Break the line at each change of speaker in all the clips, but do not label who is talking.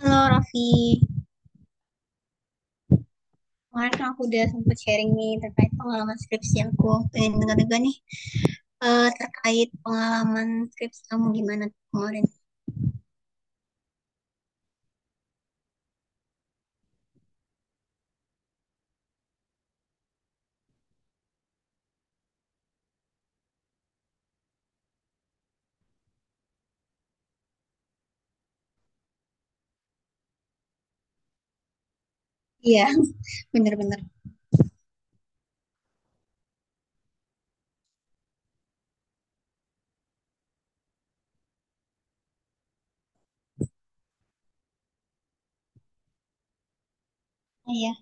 Halo Raffi, kemarin kan aku udah sempat sharing nih terkait pengalaman skripsi aku. Pengen dengar juga nih terkait pengalaman skripsi kamu gimana tuh kemarin? Iya, bener-bener. Iya,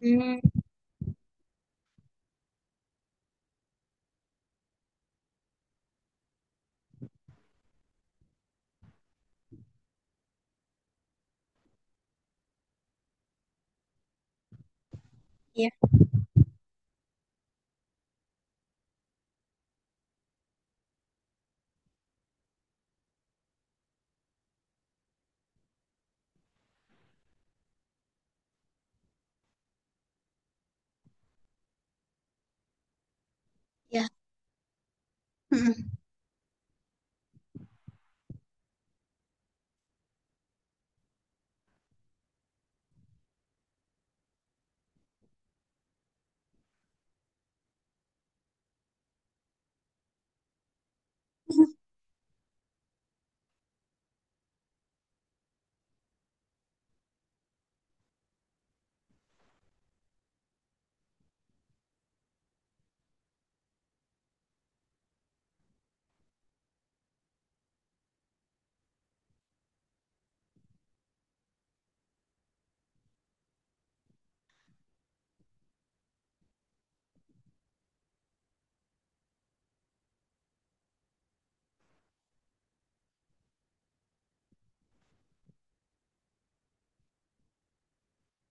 hmm, iya, iya. Mm-mm.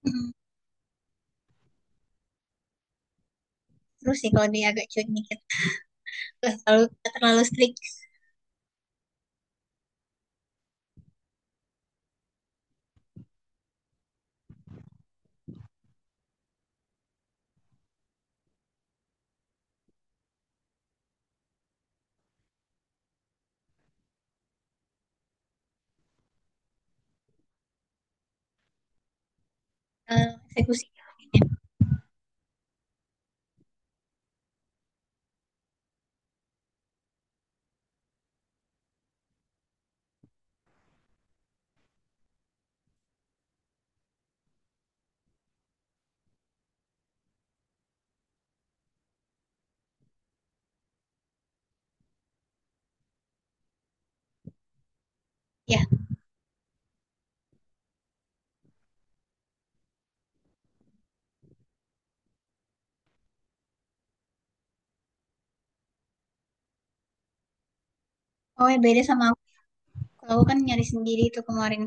Mm. Terus sih kalau dia agak cuek dikit, nggak terlalu strict. eh, Eksekusi. Ya, oh ya beda sama aku. Kalau aku kan nyari sendiri tuh kemarin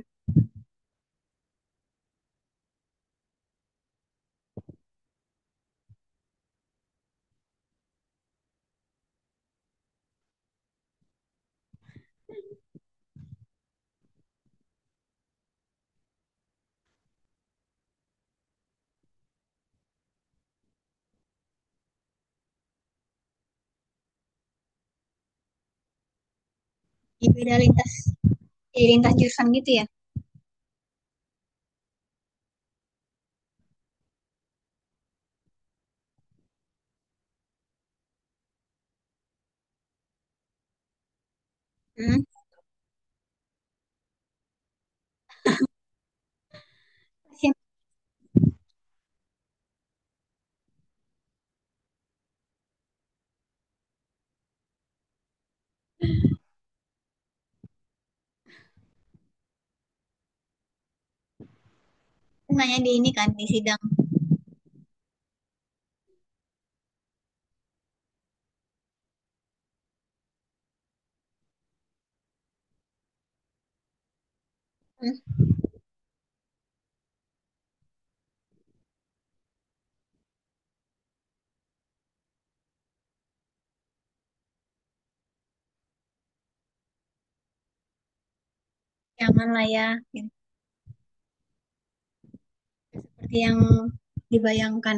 di beda lintas, di lintas jurusan gitu ya. Hmm. Pasti nanya di ini kan di sidang. Hmm, jangan lah ya. Gitu. Seperti yang dibayangkan.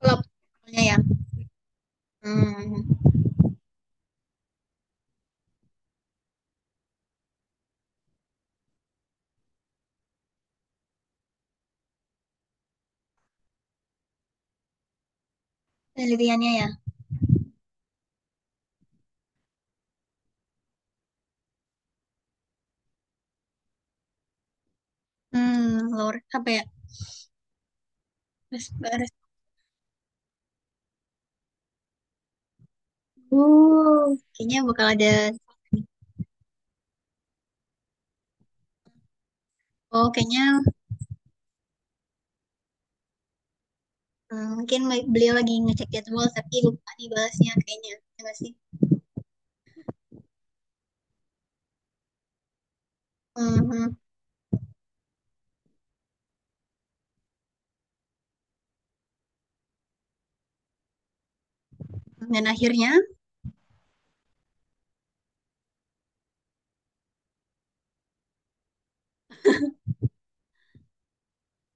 Kalau ya, hmm, penelitiannya ya, hmm, lower apa ya? Res- res- kayaknya bakal ada. Oh, kayaknya hmm, mungkin beliau lagi ngecek jadwal tapi lupa dibalasnya kayaknya, ya nggak sih? Hmm, hmm, hmm. Dan akhirnya,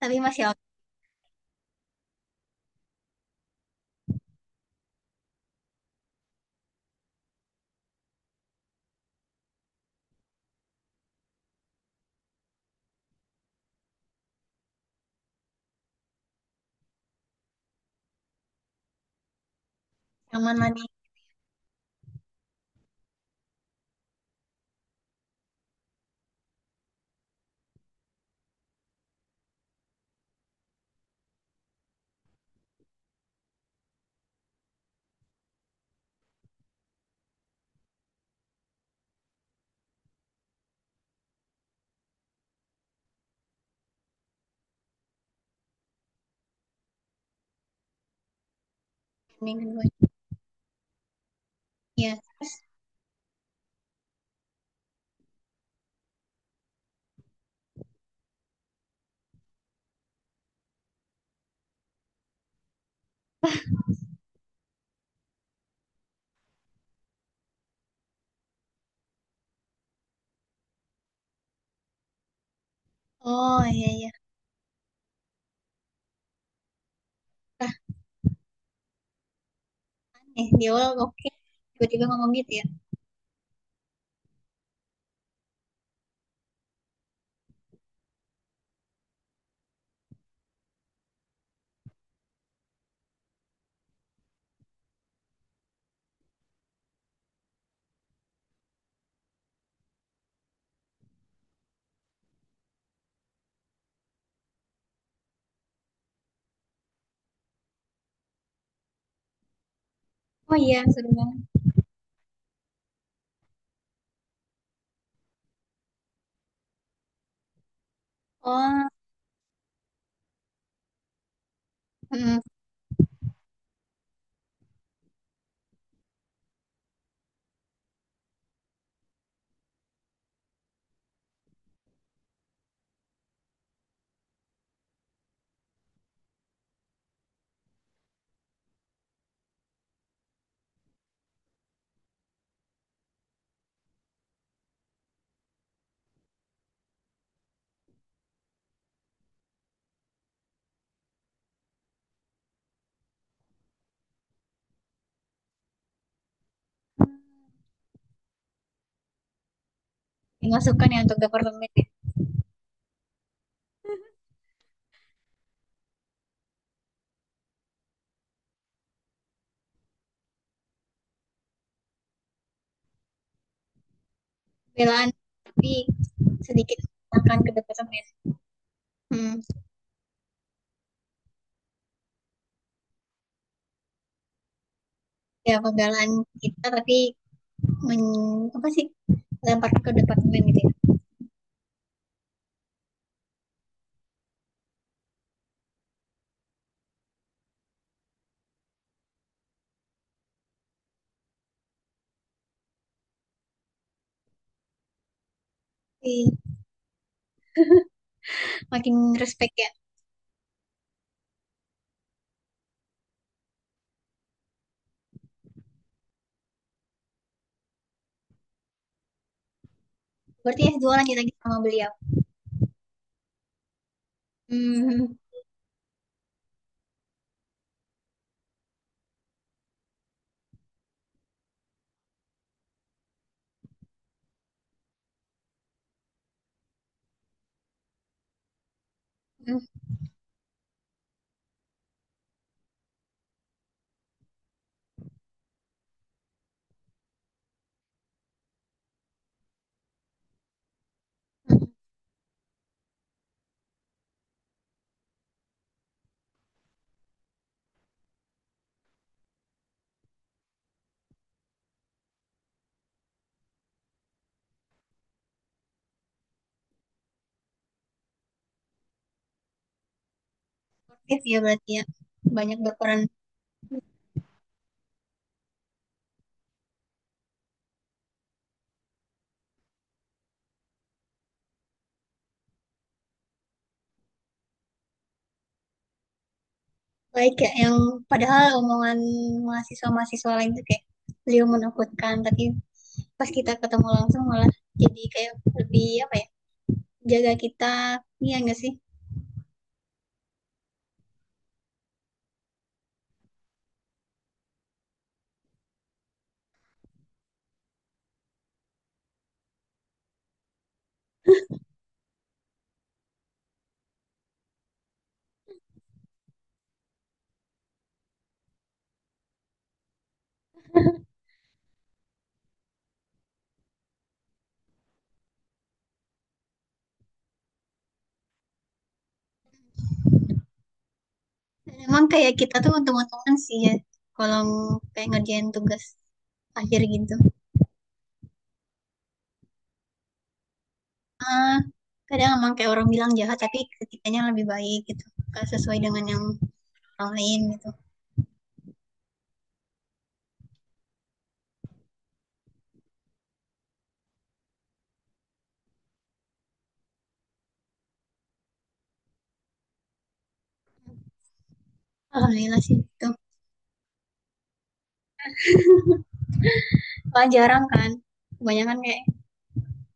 tapi masih aw- aman lah nih minggu kedua. Iya. Terus, oh iya iya. Nah, di awal oke, tiba-tiba ngomong gitu ya. Oh iya, seru banget. Oh, nggak mm, dimasukkan ya untuk departemen pembelaan tapi sedikit akan kedekatan ya. Hmm, ya pembelaan kita tapi men, apa sih lempar ke departemen gitu ya. Makin respect ya. Berarti S2 lanjut lagi sama beliau. Hmm, hmm, aktif ya berarti ya. Banyak berperan baik ya yang padahal omongan mahasiswa-mahasiswa lain tuh kayak beliau menakutkan tapi pas kita ketemu langsung malah jadi kayak lebih apa ya jaga kita iya enggak sih. Dan emang kayak kita tuh untung-untungan sih ya kalau kayak ngerjain tugas akhir gitu. Ah, kadang emang kayak orang bilang jahat tapi ketikanya lebih baik gitu. Gak sesuai dengan yang orang lain gitu. Alhamdulillah sih gitu. Kalau jarang kan, kebanyakan kayak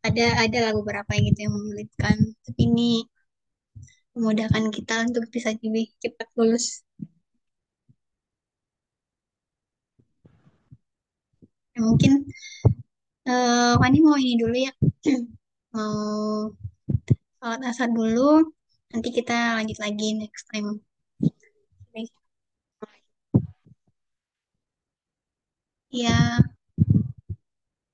ada lah beberapa yang gitu yang menyulitkan. Tapi ini memudahkan kita untuk bisa lebih cepat lulus. Ya, mungkin Fani mau ini dulu ya, mau sholat asar dulu. Nanti kita lanjut lagi next time. Oke. Iya,